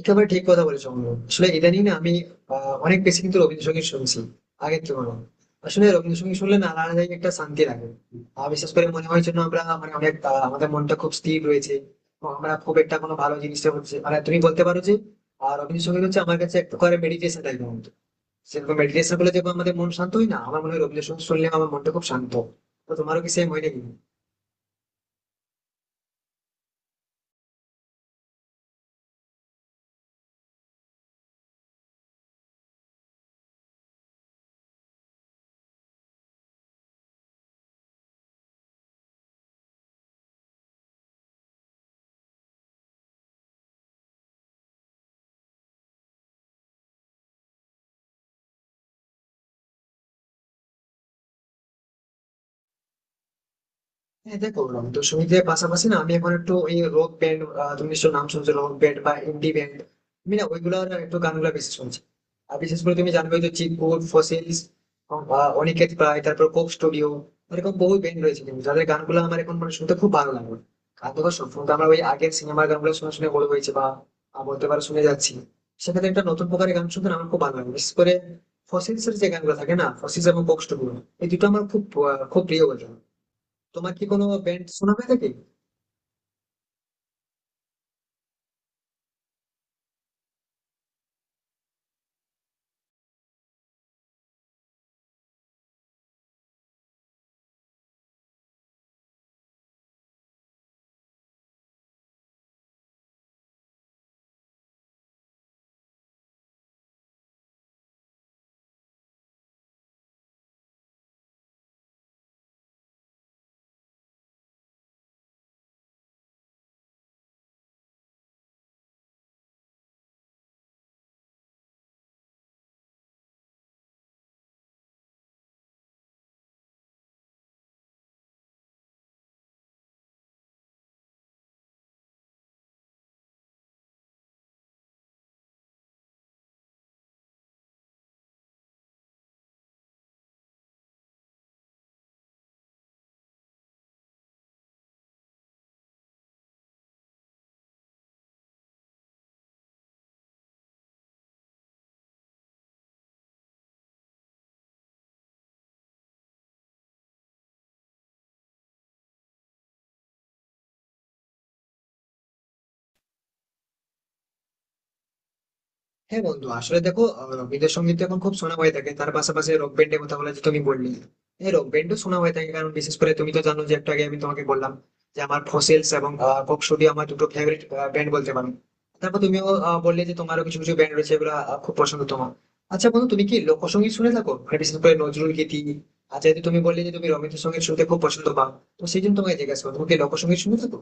একেবারে ঠিক কথা বলেছো অমল। আসলে ইদানিং না আমি অনেক বেশি কিন্তু রবীন্দ্রসঙ্গীত শুনছি আগের তুলনায়। আসলে রবীন্দ্রসঙ্গীত শুনলে না আলাদা জায়গায় একটা শান্তি লাগে। আর বিশেষ করে মনে হয় যেন আমরা মানে অনেক আমাদের মনটা খুব স্থির রয়েছে এবং আমরা খুব একটা কোনো ভালো জিনিসটা হচ্ছে মানে তুমি বলতে পারো যে আর রবীন্দ্রসঙ্গীত হচ্ছে আমার কাছে এক প্রকারের মেডিটেশন টাইপের মতো। সেরকম মেডিটেশন করলে যেমন আমাদের মন শান্ত হয় না আমার মনে হয় রবীন্দ্রসঙ্গীত শুনলে আমার মনটা খুব শান্ত হয়। তো তোমারও কি সেম হয় নাকি? হ্যাঁ দেখো রং সঙ্গীতের পাশাপাশি না আমি এখন একটু ওই রক ব্যান্ড, তুমি নিশ্চয় নাম শুনছো রক ব্যান্ড বা ইন্ডি ব্যান্ড, আমি না ওইগুলোর একটু গানগুলো বেশি শুনছি। আর বিশেষ করে তুমি জানবে তো চিৎপুর ফসিলস, অনিকেত প্রায়, তারপর কোক স্টুডিও, এরকম বহু ব্যান্ড রয়েছে কিন্তু যাদের গানগুলো আমার এখন মানে শুনতে খুব ভালো লাগে। আর দেখো সবসময় তো আমরা ওই আগের সিনেমার গানগুলো শুনে শুনে বড় হয়েছে বা বলতে পারো শুনে যাচ্ছি। সেক্ষেত্রে একটা নতুন প্রকারের গান শুনতে না আমার খুব ভালো লাগে বিশেষ করে ফসিলস এর যে গানগুলো থাকে না, ফসিলস এবং কোক স্টুডিও, এই দুটো আমার খুব খুব প্রিয় গান। তোমার কি কোনো ব্যান্ড শোনা হয়ে থাকে? হ্যাঁ বন্ধু, আসলে দেখো রবীন্দ্রসঙ্গীত তো এখন খুব শোনা হয়ে থাকে, তার পাশাপাশি রক ব্যান্ডের কথা বলে যে তুমি বললে, হ্যাঁ রক ব্যান্ডও শোনা হয়ে থাকে কারণ বিশেষ করে তুমি তো জানো যে একটু আগে আমি তোমাকে বললাম যে আমার ফসেলস এবং কক স্টুডিও আমার দুটো ফেভারিট ব্যান্ড বলতে পারো। তারপর তুমিও বললে যে তোমারও কিছু কিছু ব্যান্ড রয়েছে এগুলো খুব পছন্দ তোমার। আচ্ছা বন্ধু, তুমি কি লোকসঙ্গীত শুনে থাকো মানে বিশেষ করে নজরুল গীতি? আর যেহেতু তুমি বললে যে তুমি রবীন্দ্রসঙ্গীত শুনতে খুব পছন্দ পাও, তো সেই জন্য তোমাকে জিজ্ঞাসা করো তুমি কি লোকসঙ্গীত শুনে থাকো?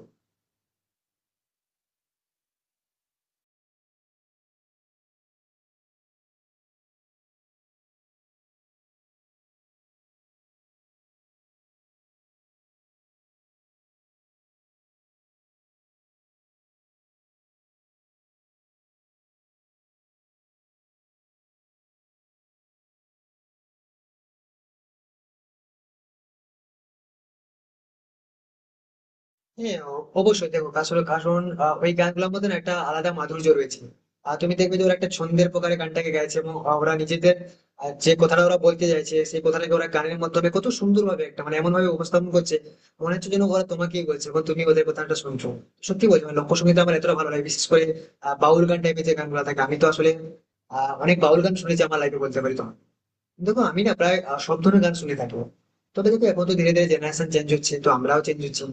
হ্যাঁ, অবশ্যই। দেখো আসলে কারণ ওই গানগুলোর মধ্যে না একটা আলাদা মাধুর্য রয়েছে। আর তুমি দেখবে যে ওরা একটা ছন্দের প্রকারে গানটাকে গাইছে এবং ওরা নিজেদের যে কথাটা ওরা বলতে চাইছে সেই কথাটাকে ওরা গানের মাধ্যমে কত সুন্দর ভাবে একটা মানে এমন ভাবে উপস্থাপন করছে, মনে হচ্ছে যেন ওরা তোমাকেই বলছে এবং তুমি ওদের কথাটা শুনছো। সত্যি বলছি মানে লোকসঙ্গীত আমার এতটা ভালো লাগে বিশেষ করে বাউল গান টাইপের যে গানগুলো থাকে, আমি তো আসলে অনেক বাউল গান শুনেছি আমার লাইফে বলতে পারি তোমাকে। দেখো আমি না প্রায় সব ধরনের গান শুনে থাকবো। তবে দেখো এখন তো ধীরে ধীরে জেনারেশন চেঞ্জ হচ্ছে তো আমরাও চেঞ্জ হচ্ছি।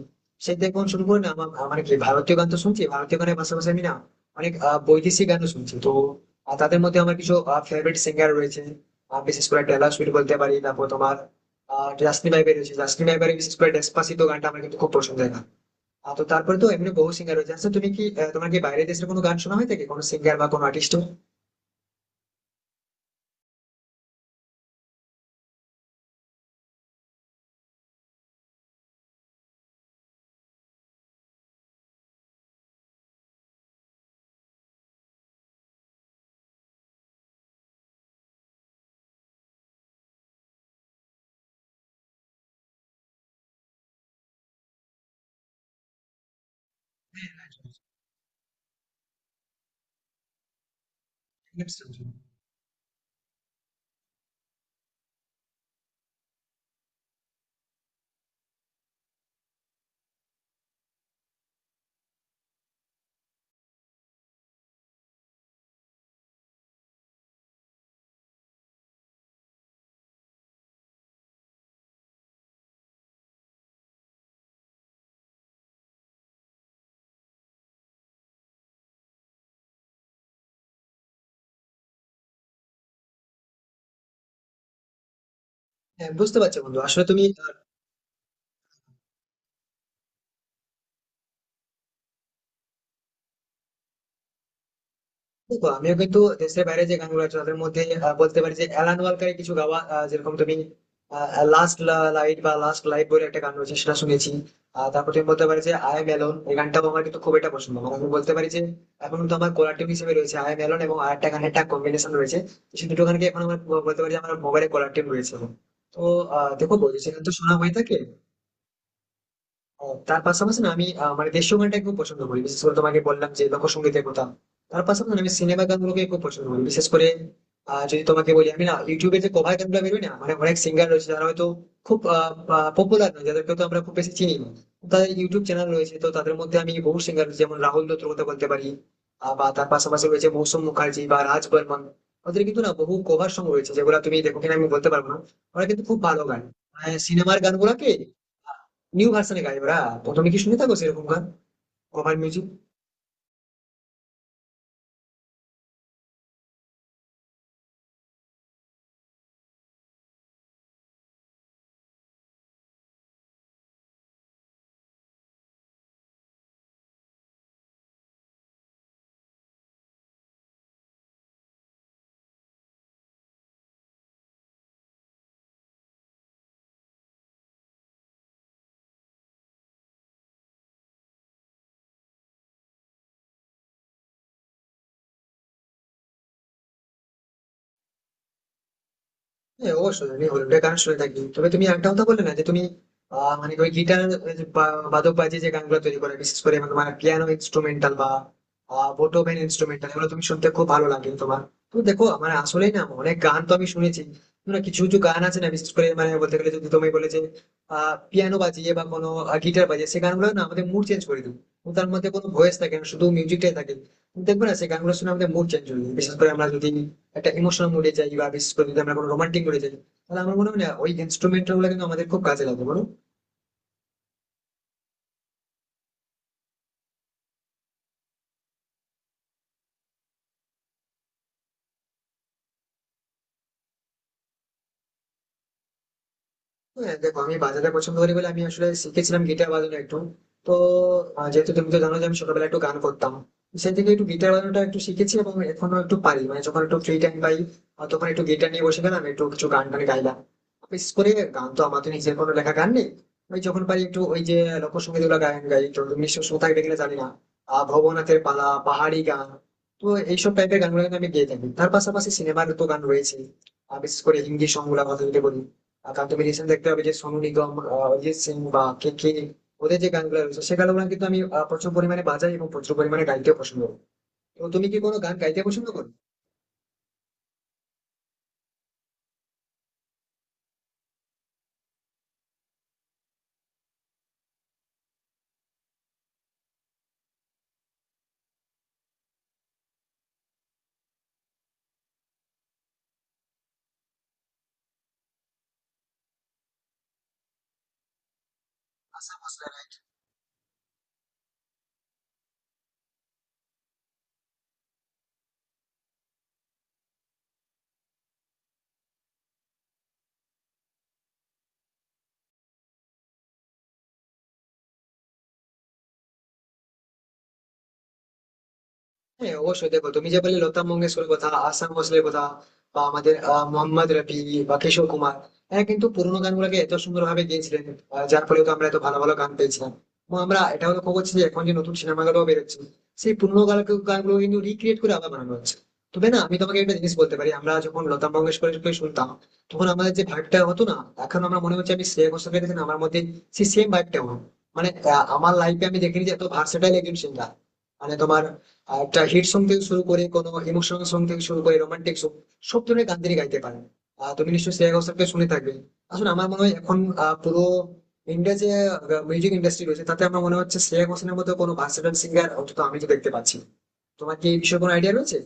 সেই থেকে এখন শুরু করে না আমার আমার কি ভারতীয় গান তো শুনছি, ভারতীয় গানের পাশাপাশি আমি না অনেক বৈদেশিক গানও শুনছি তো। তাদের মধ্যে আমার কিছু ফেভারিট সিঙ্গার রয়েছে। বিশেষ করে টেলর সুইফট বলতে পারি, তারপর তোমার জাস্টিন বাইবার রয়েছে, জাস্টিন বাইবারের বিশেষ করে ডেসপাসিতো গানটা আমার কিন্তু খুব পছন্দের গান। তো তারপরে তো এমনি বহু সিঙ্গার রয়েছে। আচ্ছা তুমি কি তোমার কি বাইরের দেশের কোনো গান শোনা হয় থাকে, কোনো সিঙ্গার বা কোনো আর্টিস্ট? হ্যাঁ বুঝতে পারছো বন্ধু, আসলে তুমি দেখো আমিও কিন্তু দেশের বাইরে যে গানগুলো আছে তাদের মধ্যে বলতে পারি যে অ্যালান ওয়ালকারের কিছু গাওয়া যেরকম তুমি লাস্ট লাস্ট লাইট বলে একটা গান রয়েছে সেটা শুনেছি। তারপর তুমি বলতে পারি যে আই এম অ্যালোন, এই গানটাও আমার কিন্তু খুব একটা পছন্দ, মানে আমি বলতে পারি যে এখন তো আমার কোলার টিউন হিসেবে রয়েছে আই এম অ্যালোন এবং আর একটা গানের একটা কম্বিনেশন রয়েছে। তো সেই দুটো গানকে এখন আমার বলতে পারি যে আমার মোবাইলে কোলার টিউন রয়েছে। তো দেখো বলছি গান তো শোনা হয়ে থাকে। ও, তার পাশাপাশি না আমি মানে দেশীয় গানটাকে খুব পছন্দ করি বিশেষ করে তোমাকে বললাম যে লোকসঙ্গীতের কথা। তার পাশাপাশি না আমি সিনেমা গানগুলোকে খুব পছন্দ করি বিশেষ করে যদি তোমাকে বলি আমি না ইউটিউবে যে কভার গানগুলো বেরোয় না মানে অনেক সিঙ্গার রয়েছে যারা হয়তো খুব পপুলার নয় যাদেরকে তো আমরা খুব বেশি চিনি না, তাদের ইউটিউব চ্যানেল রয়েছে। তো তাদের মধ্যে আমি বহু সিঙ্গার যেমন রাহুল দত্তর কথা বলতে পারি বা তার পাশাপাশি রয়েছে মৌসুম মুখার্জি বা রাজ বর্মন। ওদের কিন্তু না বহু কভার সং রয়েছে যেগুলো তুমি দেখো কিনা আমি বলতে পারবো না। ওরা কিন্তু খুব ভালো গান মানে সিনেমার গানগুলোকে নিউ ভার্সনে গাই ওরা। প্রথমে কি শুনে থাকো সেরকম গান, কভার মিউজিক? হ্যাঁ অবশ্যই আমি হলিউডের গান শুনে থাকি। তবে তুমি একটা কথা বললে না যে তুমি মানে ওই গিটার বাদক বাজিয়ে যে গানগুলো তৈরি করে বিশেষ করে মানে তোমার পিয়ানো ইনস্ট্রুমেন্টাল বা বোটোভেন ইনস্ট্রুমেন্টাল, এগুলো তুমি শুনতে খুব ভালো লাগে তোমার। তো দেখো মানে আসলেই না অনেক গান তো আমি শুনেছি, কিন্তু না কিছু কিছু গান আছে না বিশেষ করে মানে বলতে গেলে যদি তুমি বলে যে পিয়ানো বাজিয়ে বা কোনো গিটার বাজিয়ে, সেই গানগুলো না আমাদের মুড চেঞ্জ করে দিবে এবং তার মধ্যে কোনো ভয়েস থাকে না, শুধু মিউজিকটাই থাকে। তুমি দেখবে না সেই গানগুলো শুনে আমাদের মুড চেঞ্জ হয়ে যায় বিশেষ করে আমরা যদি একটা ইমোশনাল মুডে যাই বা বিশেষ করে যদি আমরা কোনো রোমান্টিক মুডে যাই, তাহলে আমার মনে হয় না ওই ইনস্ট্রুমেন্টাল গুলো কিন্তু আমাদের খুব কাজে লাগে, বলো। হ্যাঁ দেখো আমি বাজাতে পছন্দ করি বলে আমি আসলে শিখেছিলাম গিটার বাজানো একটু। তো যেহেতু তুমি তো জানো যে আমি ছোটবেলায় একটু গান করতাম, সেই থেকে একটু গিটার বাজানোটা একটু শিখেছি এবং এখনো একটু পারি মানে যখন একটু ফ্রি টাইম পাই তখন একটু গিটার নিয়ে বসে গেলাম একটু কিছু গান টান গাইলাম। বিশেষ করে গান তো আমার তো নিজের কোনো লেখা গান নেই। ওই যখন পারি একটু ওই যে লোকসঙ্গীত গুলো গান গাই একটু, নিশ্চয় শ্রোতা দেখলে জানি না ভবনাথের পালা পাহাড়ি গান। তো এইসব টাইপের গানগুলো কিন্তু আমি গেয়ে থাকি, তার পাশাপাশি সিনেমার তো গান রয়েছে। আর বিশেষ করে হিন্দি সং গুলা কথা যদি বলি, আর তার তুমি রিসেন্ট দেখতে পাবে যে সোনু নিগম, অরিজিৎ সিং বা কে কে, ওদের যে গানগুলো রয়েছে সে গানগুলো কিন্তু আমি প্রচুর পরিমাণে বাজাই এবং প্রচুর পরিমাণে গাইতে পছন্দ করি। তো তুমি কি কোনো গান গাইতে পছন্দ করো? আচ্ছা বুঝলাম। হ্যাঁ অবশ্যই দেখো তুমি যে বললে লতা মঙ্গেশকরের কথা, আশা ভোসলের কথা বা আমাদের মোহাম্মদ রফি বা কিশোর কুমার, হ্যাঁ কিন্তু পুরোনো গানগুলোকে এত সুন্দর ভাবে গেয়েছিলেন যার ফলে তো আমরা এত ভালো ভালো গান পেয়েছিলাম। এবং আমরা এটাও লক্ষ্য করছি যে এখন যে নতুন সিনেমাগুলো বেরোচ্ছে, সেই পুরোনো গানকে গানগুলো কিন্তু রিক্রিয়েট করে আবার বানানো হচ্ছে। তবে না আমি তোমাকে একটা জিনিস বলতে পারি, আমরা যখন লতা মঙ্গেশকরকে শুনতাম তখন আমাদের যে ভাইবটা হতো না, এখন আমরা মনে হচ্ছে আমি শ্রেয়া ঘোষালকে দেখে না, আমার মধ্যে সেই সেম ভাইবটা হলো। মানে আমার লাইফে আমি দেখিনি যে এত ভার্সেটাইল একজন সিঙ্গার মানে তোমার। আর একটা হিট সং থেকে শুরু করে কোনো ইমোশনাল সং থেকে শুরু করে রোমান্টিক সং, সব ধরনের গান তিনি গাইতে পারেন। তুমি নিশ্চয়ই শ্রেয়া ঘোষালকে শুনে থাকবে। আসলে আমার মনে হয় এখন পুরো ইন্ডিয়া যে মিউজিক ইন্ডাস্ট্রি রয়েছে তাতে আমার মনে হচ্ছে শ্রেয়া ঘোষালের মতো কোনো ভার্সেটাইল সিঙ্গার অন্তত আমি তো দেখতে পাচ্ছি না। তোমার কি এই বিষয়ে কোনো আইডিয়া রয়েছে?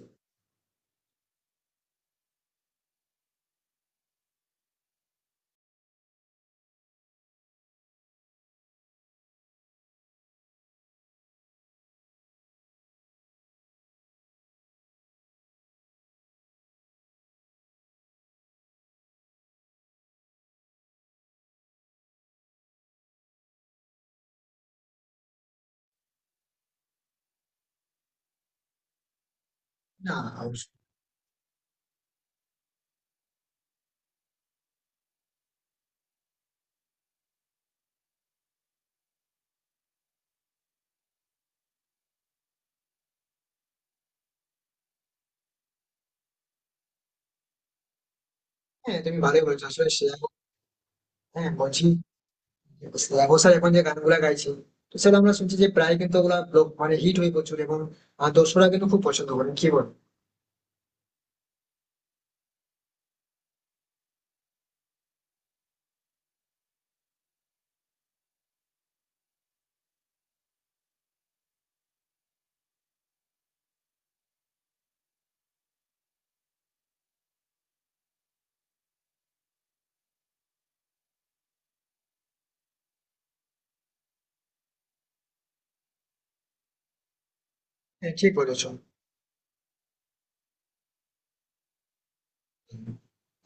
না, অবশ্যই। হ্যাঁ তুমি ভালোই বলেছো, আসলে হ্যাঁ বলছি। শ্রেয়া ঘোষাল এখন যে গানগুলা গাইছে, তো সেটা আমরা শুনছি যে প্রায় কিন্তু ওগুলা মানে হিট হয়ে প্রচুর এবং দর্শকরা কিন্তু খুব পছন্দ করে, কি বল? হ্যাঁ ঠিক বলেছো।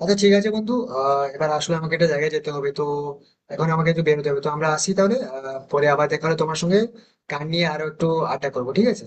আচ্ছা ঠিক আছে বন্ধু, এবার আসলে আমাকে একটা জায়গায় যেতে হবে তো। এখন আমাকে একটু বেরোতে হবে, তো আমরা আসি তাহলে, পরে আবার দেখা হলে তোমার সঙ্গে গান নিয়ে আরো একটু আড্ডা করবো, ঠিক আছে?